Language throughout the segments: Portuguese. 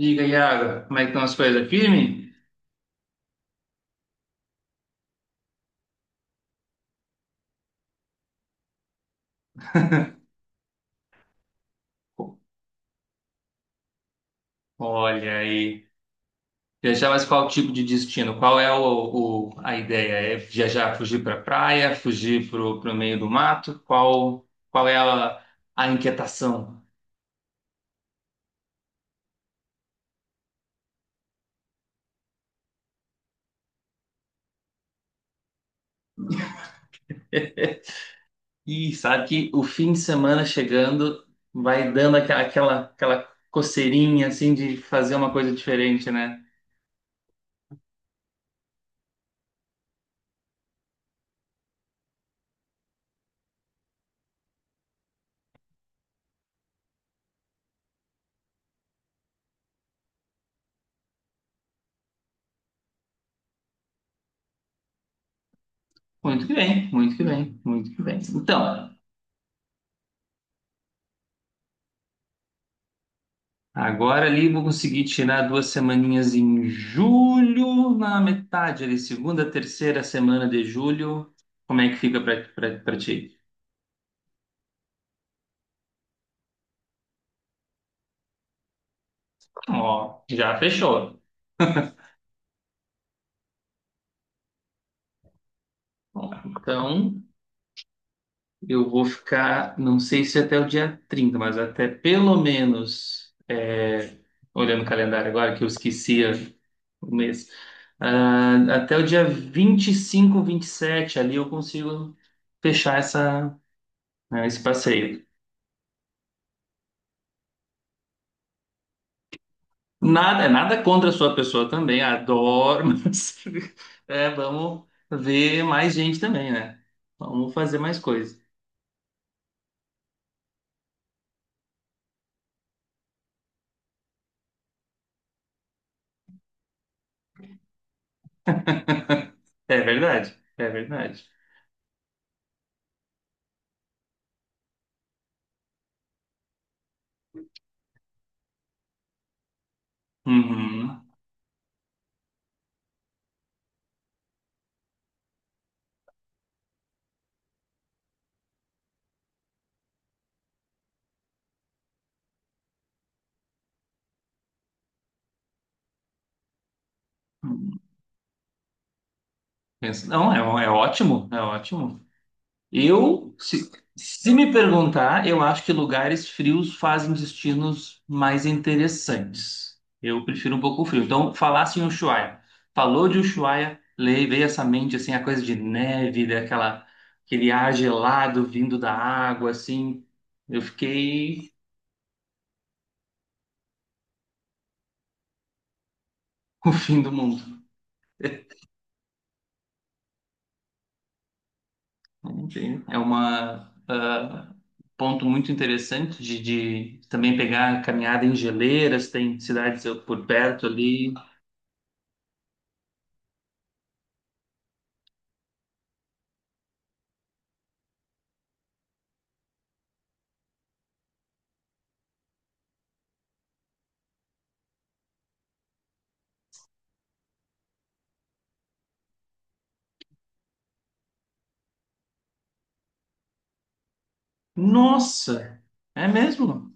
Diga, Iago, como é que estão as coisas? Firme? Olha aí. Viajar, mas qual tipo de destino? Qual é a ideia? É viajar, fugir para praia, fugir para o meio do mato? Qual é a inquietação? E sabe que o fim de semana chegando vai dando aquela coceirinha assim de fazer uma coisa diferente, né? Muito que bem, muito que bem, muito que bem. Então. Agora ali vou conseguir tirar 2 semaninhas em julho, na metade ali, segunda, terceira semana de julho. Como é que fica pra ti? Ó, já fechou. Ó, então, eu vou ficar, não sei se até o dia 30, mas até pelo menos, é, olhando o calendário agora, que eu esquecia o mês, ah, até o dia 20, 25, 27 ali eu consigo fechar né, esse passeio. Nada, é nada contra a sua pessoa também, adoro, mas vamos ver mais gente também, né? Vamos fazer mais coisas. É verdade, é verdade. Uhum. Não, é ótimo, é ótimo. Eu, se me perguntar, eu acho que lugares frios fazem destinos mais interessantes. Eu prefiro um pouco frio. Então, falasse em Ushuaia. Falou de Ushuaia, veio essa mente, assim, a coisa de neve, aquele ar gelado vindo da água, assim. Eu fiquei com o fim do mundo. Enfim, ponto muito interessante de também pegar caminhada em geleiras, tem cidades por perto ali. Nossa, é mesmo?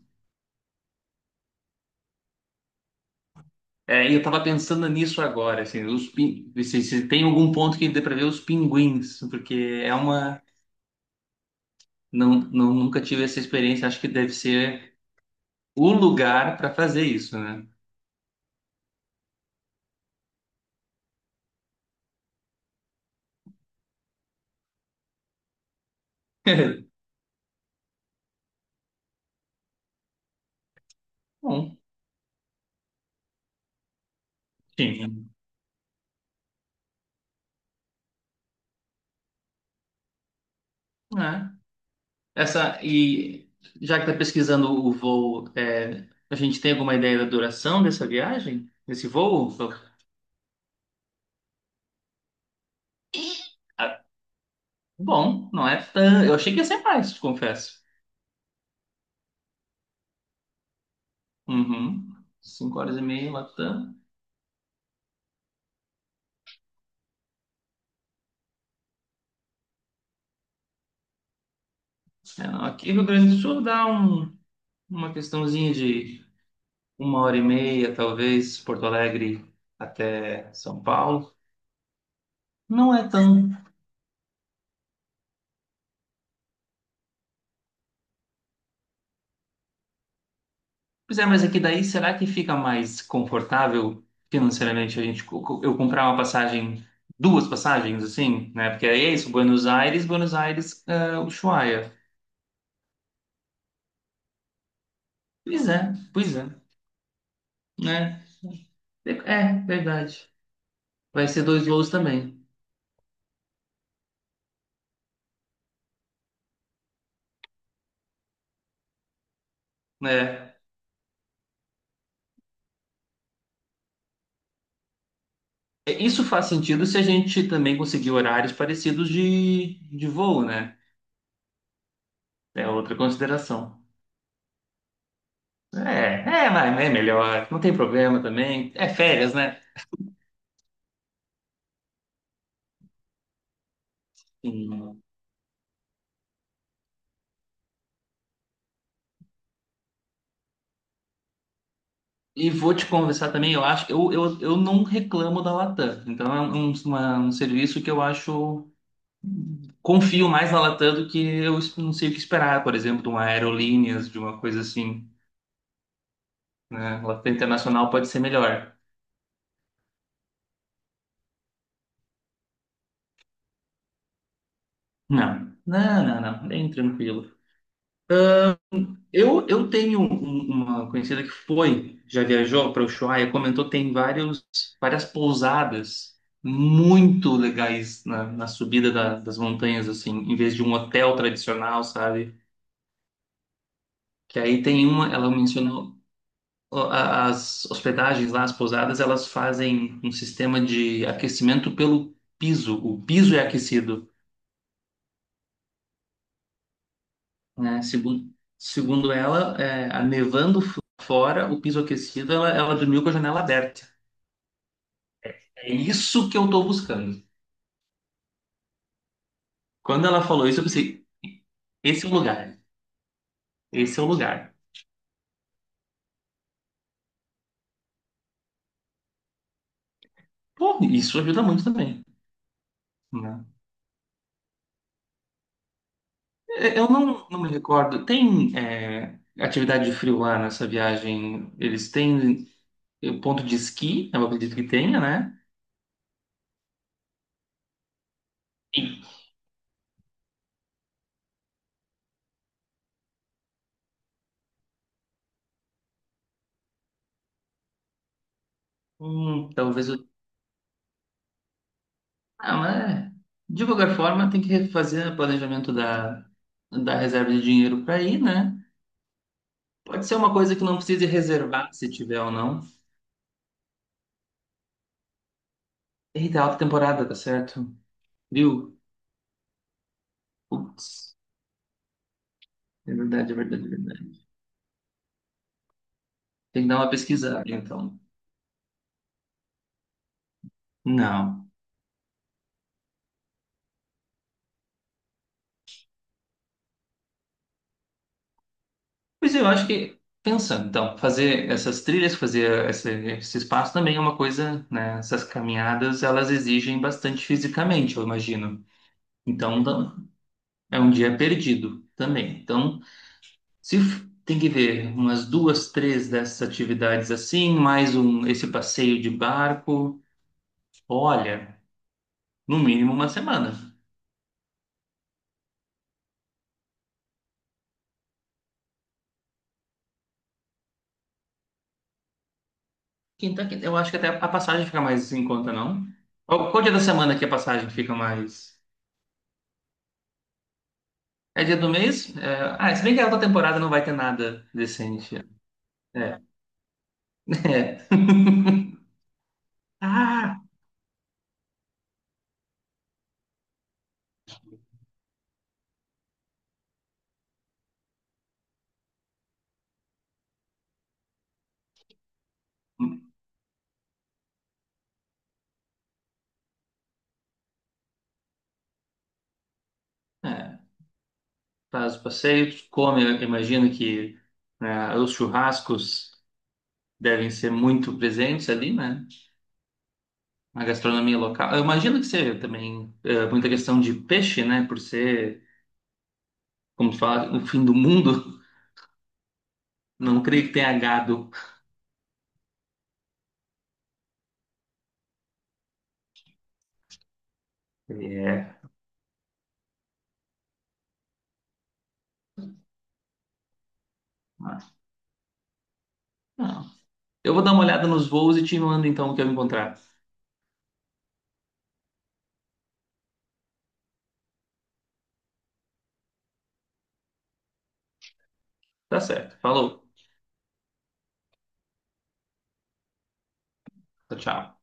É, e eu tava pensando nisso agora, assim, se tem algum ponto que dê pra ver os pinguins, porque é uma não nunca tive essa experiência, acho que deve ser o lugar pra fazer isso, né? Bom, sim. Né? Essa e Já que tá pesquisando o voo, a gente tem alguma ideia da duração dessa viagem, desse voo? Ah, bom, não é tão, eu achei que ia ser mais, te confesso. Uhum. 5 horas e meia, Latam. É, não, aqui no Rio Grande do Sul dá uma questãozinha de 1 hora e meia, talvez, Porto Alegre até São Paulo. Não é tão. Pois é, mas aqui daí será que fica mais confortável financeiramente a gente co- co- eu comprar uma passagem, duas passagens, assim, né? Porque é isso, Buenos Aires, Ushuaia. Pois é, né? É, verdade. Vai ser dois voos também, né? É, isso faz sentido se a gente também conseguir horários parecidos de voo, né? É outra consideração. É, mas é melhor, não tem problema também. É férias, né? Sim. E vou te conversar também, eu acho, eu não reclamo da Latam. Então é um serviço que eu acho, confio mais na Latam do que não sei o que esperar, por exemplo, de uma Aerolíneas, de uma coisa assim, né? Latam Internacional pode ser melhor. Não, não, não, não, bem tranquilo. Eu tenho uma conhecida que foi, já viajou para Ushuaia, comentou que tem várias pousadas muito legais na subida das montanhas, assim, em vez de um hotel tradicional, sabe? Que aí tem uma, ela mencionou, ó, as hospedagens lá, as pousadas, elas fazem um sistema de aquecimento pelo piso. O piso é aquecido, né? Segundo ela, a nevando fora, o piso aquecido, ela dormiu com a janela aberta. É isso que eu tô buscando. Quando ela falou isso, eu pensei, esse é o lugar, esse é o lugar. Pô, isso ajuda muito também, né? É, eu não me recordo, tem atividade de frio lá nessa viagem? Eles têm ponto de esqui, eu acredito que tenha, né? E, talvez eu. Ah, mas de qualquer forma tem que refazer o planejamento da reserva de dinheiro para ir, né? Pode ser uma coisa que não precise reservar se tiver ou não. Eita, alta temporada, tá certo? Frio. Putz, é verdade, é verdade, é verdade. Tem que dar uma pesquisada, então. Não. Pois eu acho que, pensando, então, fazer essas trilhas, fazer esse espaço também é uma coisa, né? Essas caminhadas, elas exigem bastante fisicamente, eu imagino. Então, é um dia perdido também. Então, se tem que ver umas duas, três dessas atividades assim, mais um, esse passeio de barco, olha, no mínimo uma semana. Quinta, quinta. Eu acho que até a passagem fica mais em conta, não? Qual dia da semana que a passagem fica mais? É dia do mês? É, ah, se bem que a outra temporada não vai ter nada decente. É. É. Ah! É. Faz o passeio, come, eu imagino que, né, os churrascos devem ser muito presentes ali, né? A gastronomia local. Eu imagino que seja também muita questão de peixe, né? Por ser, como tu fala, o fim do mundo. Não creio que tenha gado. É. Não. Eu vou dar uma olhada nos voos e te mando então o que eu encontrar. Tá certo. Falou. Tchau, tchau.